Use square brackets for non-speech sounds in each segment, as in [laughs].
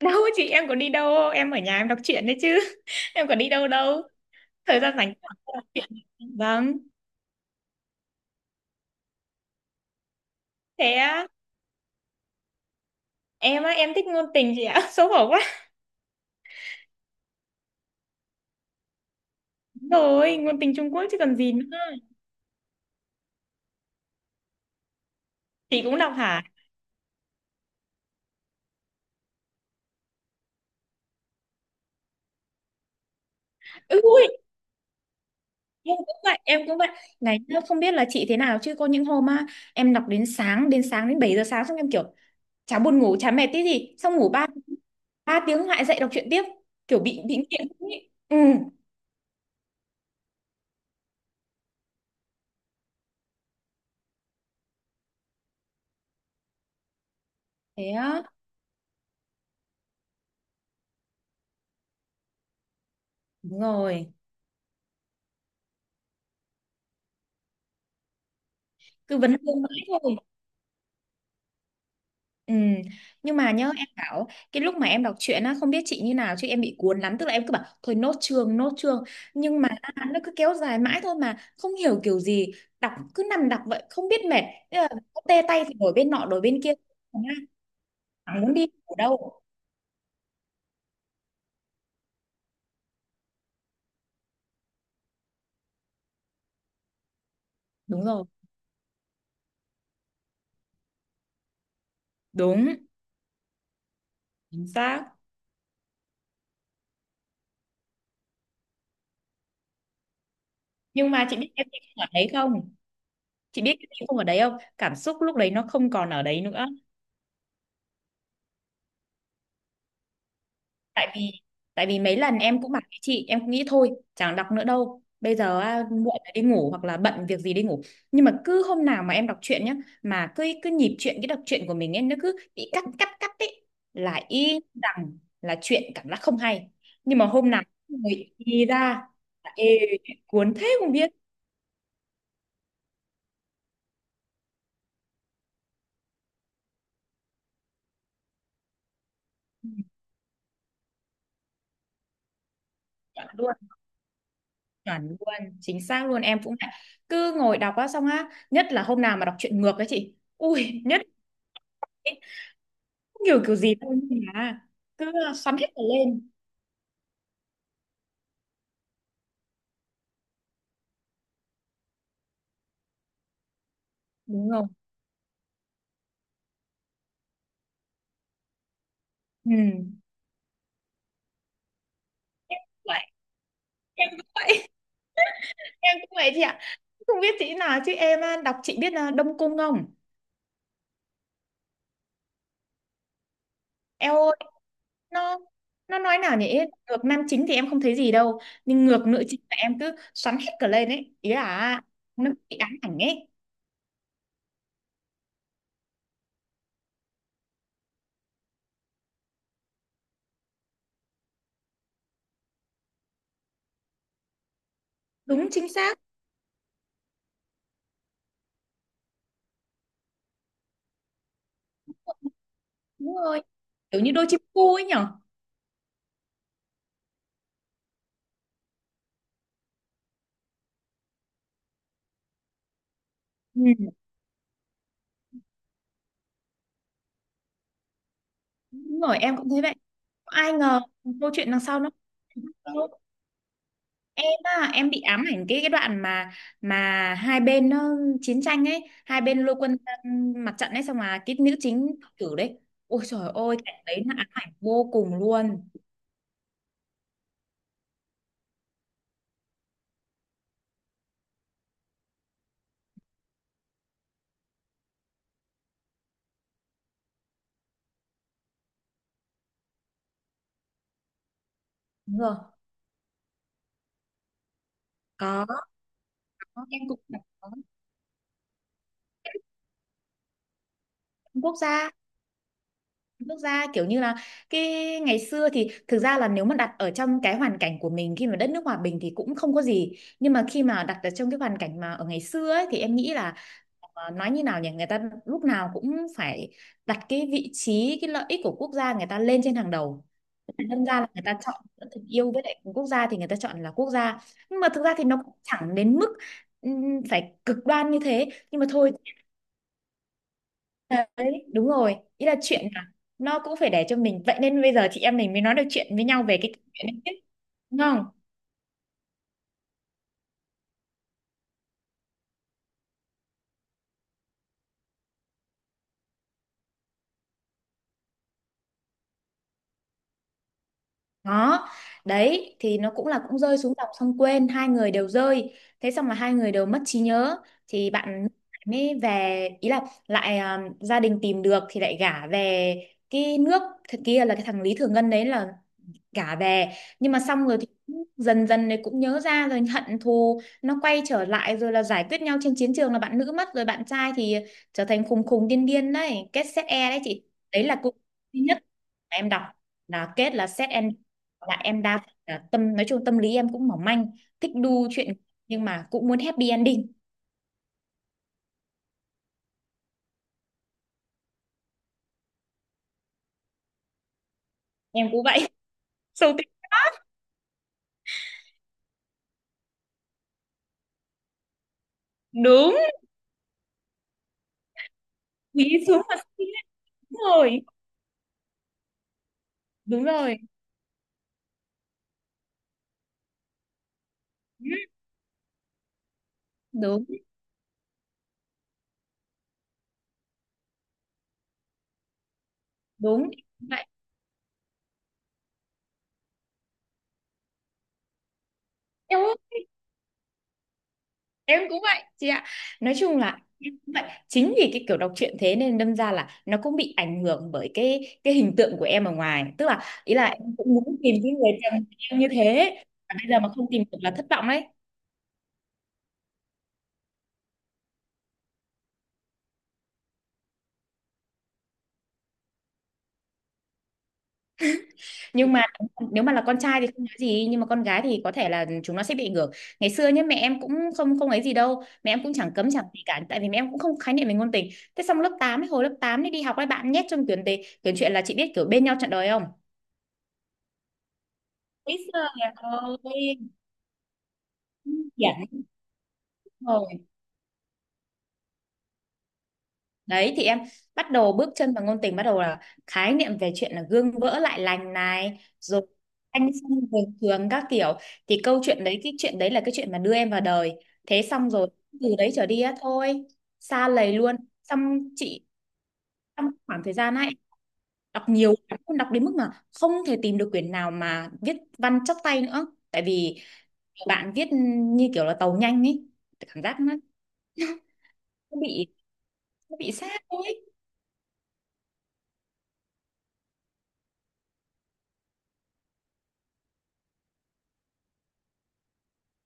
Đâu chị em có đi đâu. Em ở nhà em đọc truyện đấy chứ. [laughs] Em có đi đâu đâu. Thời gian rảnh đọc truyện. Vâng. Thế á, em thích ngôn tình chị ạ. [laughs] Xấu hổ quá. Đúng rồi, ngôn tình Trung Quốc chứ còn gì nữa. Chị cũng đọc hả? Ừ, ui, em cũng vậy, em cũng vậy. Này, nhá, không biết là chị thế nào chứ có những hôm á, em đọc đến sáng, đến 7 giờ sáng xong em kiểu chả buồn ngủ, chả mệt tí gì, xong ngủ ba ba tiếng lại dậy đọc truyện tiếp, kiểu bị nghiện ý. Ừ, thế á, đúng rồi. Cứ vấn vương mãi thôi. Ừ. Nhưng mà nhớ em bảo cái lúc mà em đọc truyện á, không biết chị như nào chứ em bị cuốn lắm, tức là em cứ bảo thôi nốt chương nốt chương, nhưng mà nó cứ kéo dài mãi thôi mà không hiểu kiểu gì, đọc cứ nằm đọc vậy không biết mệt. Thế là cứ tê tay thì đổi bên nọ đổi bên kia, chẳng muốn đi ở đâu. Đúng rồi, đúng chính xác. Nhưng mà chị biết em không ở đấy không, chị biết em không ở đấy không, cảm xúc lúc đấy nó không còn ở đấy nữa. Tại vì tại vì mấy lần em cũng bảo với chị em cũng nghĩ thôi chẳng đọc nữa đâu, bây giờ à, muộn rồi đi ngủ, hoặc là bận việc gì đi ngủ. Nhưng mà cứ hôm nào mà em đọc truyện nhá, mà cứ cứ nhịp truyện cái đọc truyện của mình em nó cứ bị cắt cắt cắt ấy, là y rằng là chuyện cảm giác không hay. Nhưng mà hôm nào người đi ra là ê, cuốn thế không biết. Ừ, chọn luôn, chuẩn luôn, chính xác luôn, em cũng vậy. Cứ ngồi đọc á, xong á, nhất là hôm nào mà đọc truyện ngược ấy, chị ui, nhất. [laughs] Ấy, kiểu kiểu gì thôi nhưng mà cứ xoắn hết cả lên. Đúng không? Ừ, vậy. Em cũng vậy. [laughs] Em cũng vậy chị ạ. Không biết chị nào chứ em á, đọc chị biết là Đông Cung không? Eo ơi, nó nó nói nào nhỉ. Ngược nam chính thì em không thấy gì đâu, nhưng ngược nữ chính là em cứ xoắn hết cả lên ấy, ý là nó bị ám ảnh ấy. Đúng chính xác. Đúng rồi. Kiểu như đôi chim cu ấy nhở. Ừ. Đúng rồi, em cũng thấy vậy. Ai ngờ câu chuyện đằng sau nó, em á, em bị ám ảnh cái đoạn mà hai bên nó chiến tranh ấy, hai bên lôi quân ra mặt trận ấy, xong mà cái nữ chính tử đấy. Ôi trời ơi, cảnh đấy nó ám ảnh vô cùng luôn. Đúng rồi. Có, có, em cũng đọc có. Quốc gia, nước ra kiểu như là cái ngày xưa thì thực ra là nếu mà đặt ở trong cái hoàn cảnh của mình khi mà đất nước hòa bình thì cũng không có gì, nhưng mà khi mà đặt ở trong cái hoàn cảnh mà ở ngày xưa ấy, thì em nghĩ là ờ, nói như nào nhỉ, người ta lúc nào cũng phải đặt cái vị trí cái lợi ích của quốc gia người ta lên trên hàng đầu. Đâm ra là người ta chọn giữa tình yêu với lại quốc gia thì người ta chọn là quốc gia, nhưng mà thực ra thì nó cũng chẳng đến mức phải cực đoan như thế, nhưng mà thôi. Đấy, đúng rồi. Ý là chuyện là nó cũng phải để cho mình. Vậy nên bây giờ chị em mình mới nói được chuyện với nhau về cái chuyện đấy chứ. Đúng không? Đó. Đấy, thì nó cũng là cũng rơi xuống dòng sông quên. Hai người đều rơi. Thế xong là hai người đều mất trí nhớ. Thì bạn mới về, ý là lại à, gia đình tìm được thì lại gả về cái nước thật kia, là cái thằng Lý Thừa Ngân đấy, là cả về. Nhưng mà xong rồi thì cũng dần dần này cũng nhớ ra rồi, hận thù nó quay trở lại, rồi là giải quyết nhau trên chiến trường, là bạn nữ mất, rồi bạn trai thì trở thành khùng khùng điên điên đấy, kết set e đấy chị. Đấy là cũng duy nhất mà em đọc là kết là set em. Là em đa phần là tâm, nói chung tâm lý em cũng mỏng manh, thích đu chuyện, nhưng mà cũng muốn happy ending. Em cũng vậy. [laughs] Sâu tính. Đúng. Nghĩ xuống mà suy nghĩ. Đúng rồi. Đúng rồi. Đúng đúng. Vậy. Eo ơi, em cũng vậy chị ạ. Nói chung là em cũng vậy. Chính vì cái kiểu đọc truyện thế nên đâm ra là nó cũng bị ảnh hưởng bởi cái hình tượng của em ở ngoài, tức là ý là em cũng muốn tìm cái người chồng yêu như thế. Và bây giờ mà không tìm được là thất vọng đấy. Nhưng mà nếu mà là con trai thì không nói gì, nhưng mà con gái thì có thể là chúng nó sẽ bị ảnh hưởng. Ngày xưa nhá, mẹ em cũng không không ấy gì đâu, mẹ em cũng chẳng cấm chẳng gì cả, tại vì mẹ em cũng không khái niệm về ngôn tình. Thế xong lớp 8 ấy, hồi lớp 8 ấy đi học ấy, bạn nhét trong quyển đề quyển truyện, là chị biết kiểu bên nhau trọn đời không. Ít giờ. Dạ, đúng rồi. Đấy thì em bắt đầu bước chân vào ngôn tình, bắt đầu là khái niệm về chuyện là gương vỡ lại lành này rồi, anh xong về trường các kiểu, thì câu chuyện đấy cái chuyện đấy là cái chuyện mà đưa em vào đời. Thế xong rồi từ đấy trở đi á, thôi, xa lầy luôn. Xong chị, trong khoảng thời gian ấy đọc nhiều lắm, đọc đến mức mà không thể tìm được quyển nào mà viết văn chắc tay nữa, tại vì bạn viết như kiểu là tàu nhanh ấy, cảm giác nó [laughs] nó bị, nó bị sát thôi.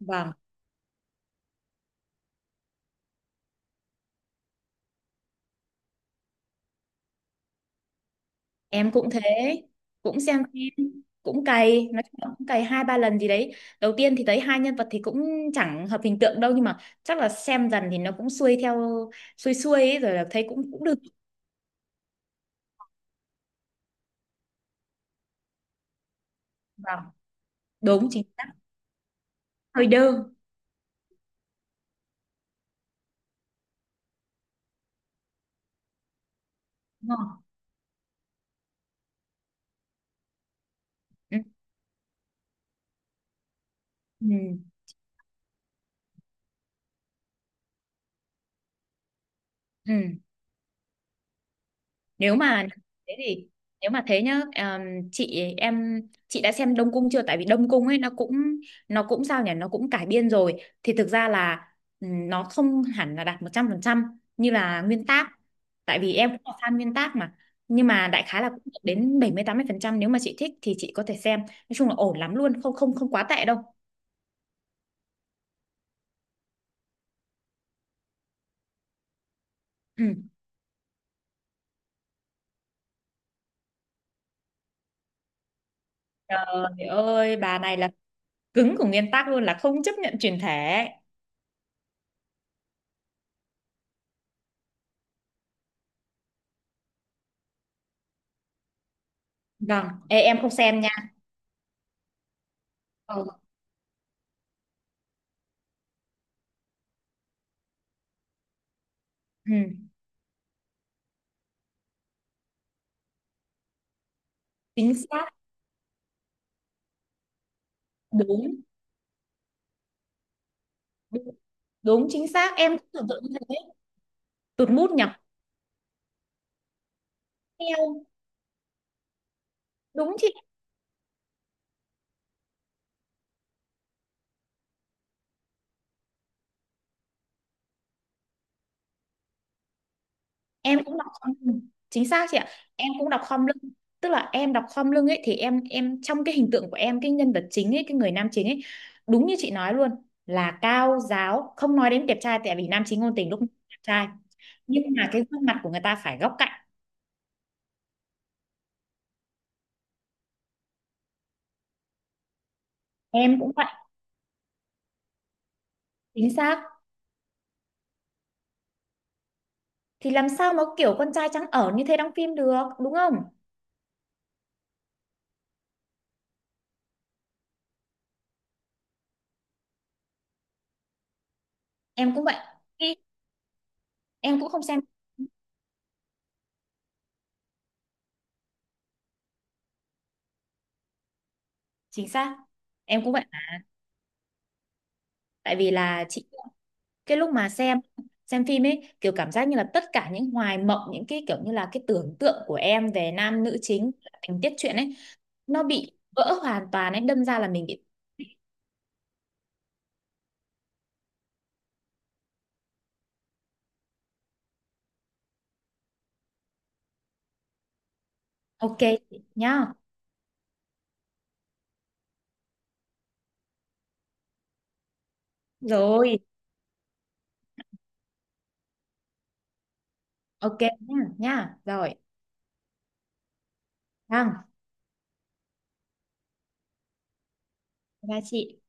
Vâng, em cũng thế, cũng xem phim, cũng cày, nói chung là cũng cày 2-3 lần gì đấy. Đầu tiên thì thấy hai nhân vật thì cũng chẳng hợp hình tượng đâu, nhưng mà chắc là xem dần thì nó cũng xuôi theo xuôi xuôi ấy, rồi là thấy cũng cũng được. Vâng, đúng chính xác, hơi đơ. Đúng không? Ừ. Ừ. Ừ. Nếu mà thế thì, nếu mà thế nhá, chị em, chị đã xem Đông Cung chưa, tại vì Đông Cung ấy nó cũng, nó cũng sao nhỉ, nó cũng cải biên rồi, thì thực ra là nó không hẳn là đạt 100% như là nguyên tác, tại vì em cũng là fan nguyên tác mà, nhưng mà đại khái là cũng được đến 70-80%, nếu mà chị thích thì chị có thể xem, nói chung là ổn lắm luôn, không không không quá tệ đâu. Ừ. Trời ơi, bà này là cứng của nguyên tắc luôn, là không chấp nhận chuyển thể. Vâng. Ê, em không xem nha. Ừ. Ừ. Chính xác. Đúng, đúng, đúng, chính xác, em cũng tưởng tượng như thế. Tụt mút nhỉ? Theo, đúng chị, em cũng đọc khom lưng. Chính xác chị ạ. Em cũng đọc khom lưng. Tức là em đọc khom lưng ấy thì em trong cái hình tượng của em cái nhân vật chính ấy, cái người nam chính ấy, đúng như chị nói luôn, là cao giáo, không nói đến đẹp trai, tại vì nam chính ngôn tình lúc nào cũng đẹp trai. Nhưng mà cái gương mặt của người ta phải góc cạnh. Em cũng vậy, chính xác. Thì làm sao mà kiểu con trai trắng ở như thế đóng phim được, đúng không? Em cũng vậy. Khi em cũng không xem, chính xác, em cũng vậy. Tại vì là chị, cái lúc mà xem phim ấy, kiểu cảm giác như là tất cả những hoài mộng, những cái kiểu như là cái tưởng tượng của em về nam nữ chính, tình tiết truyện ấy, nó bị vỡ hoàn toàn ấy, đâm ra là mình bị. Ok chị nhá, rồi. Ok nhá, nhá, rồi. Vâng, bye bye chị.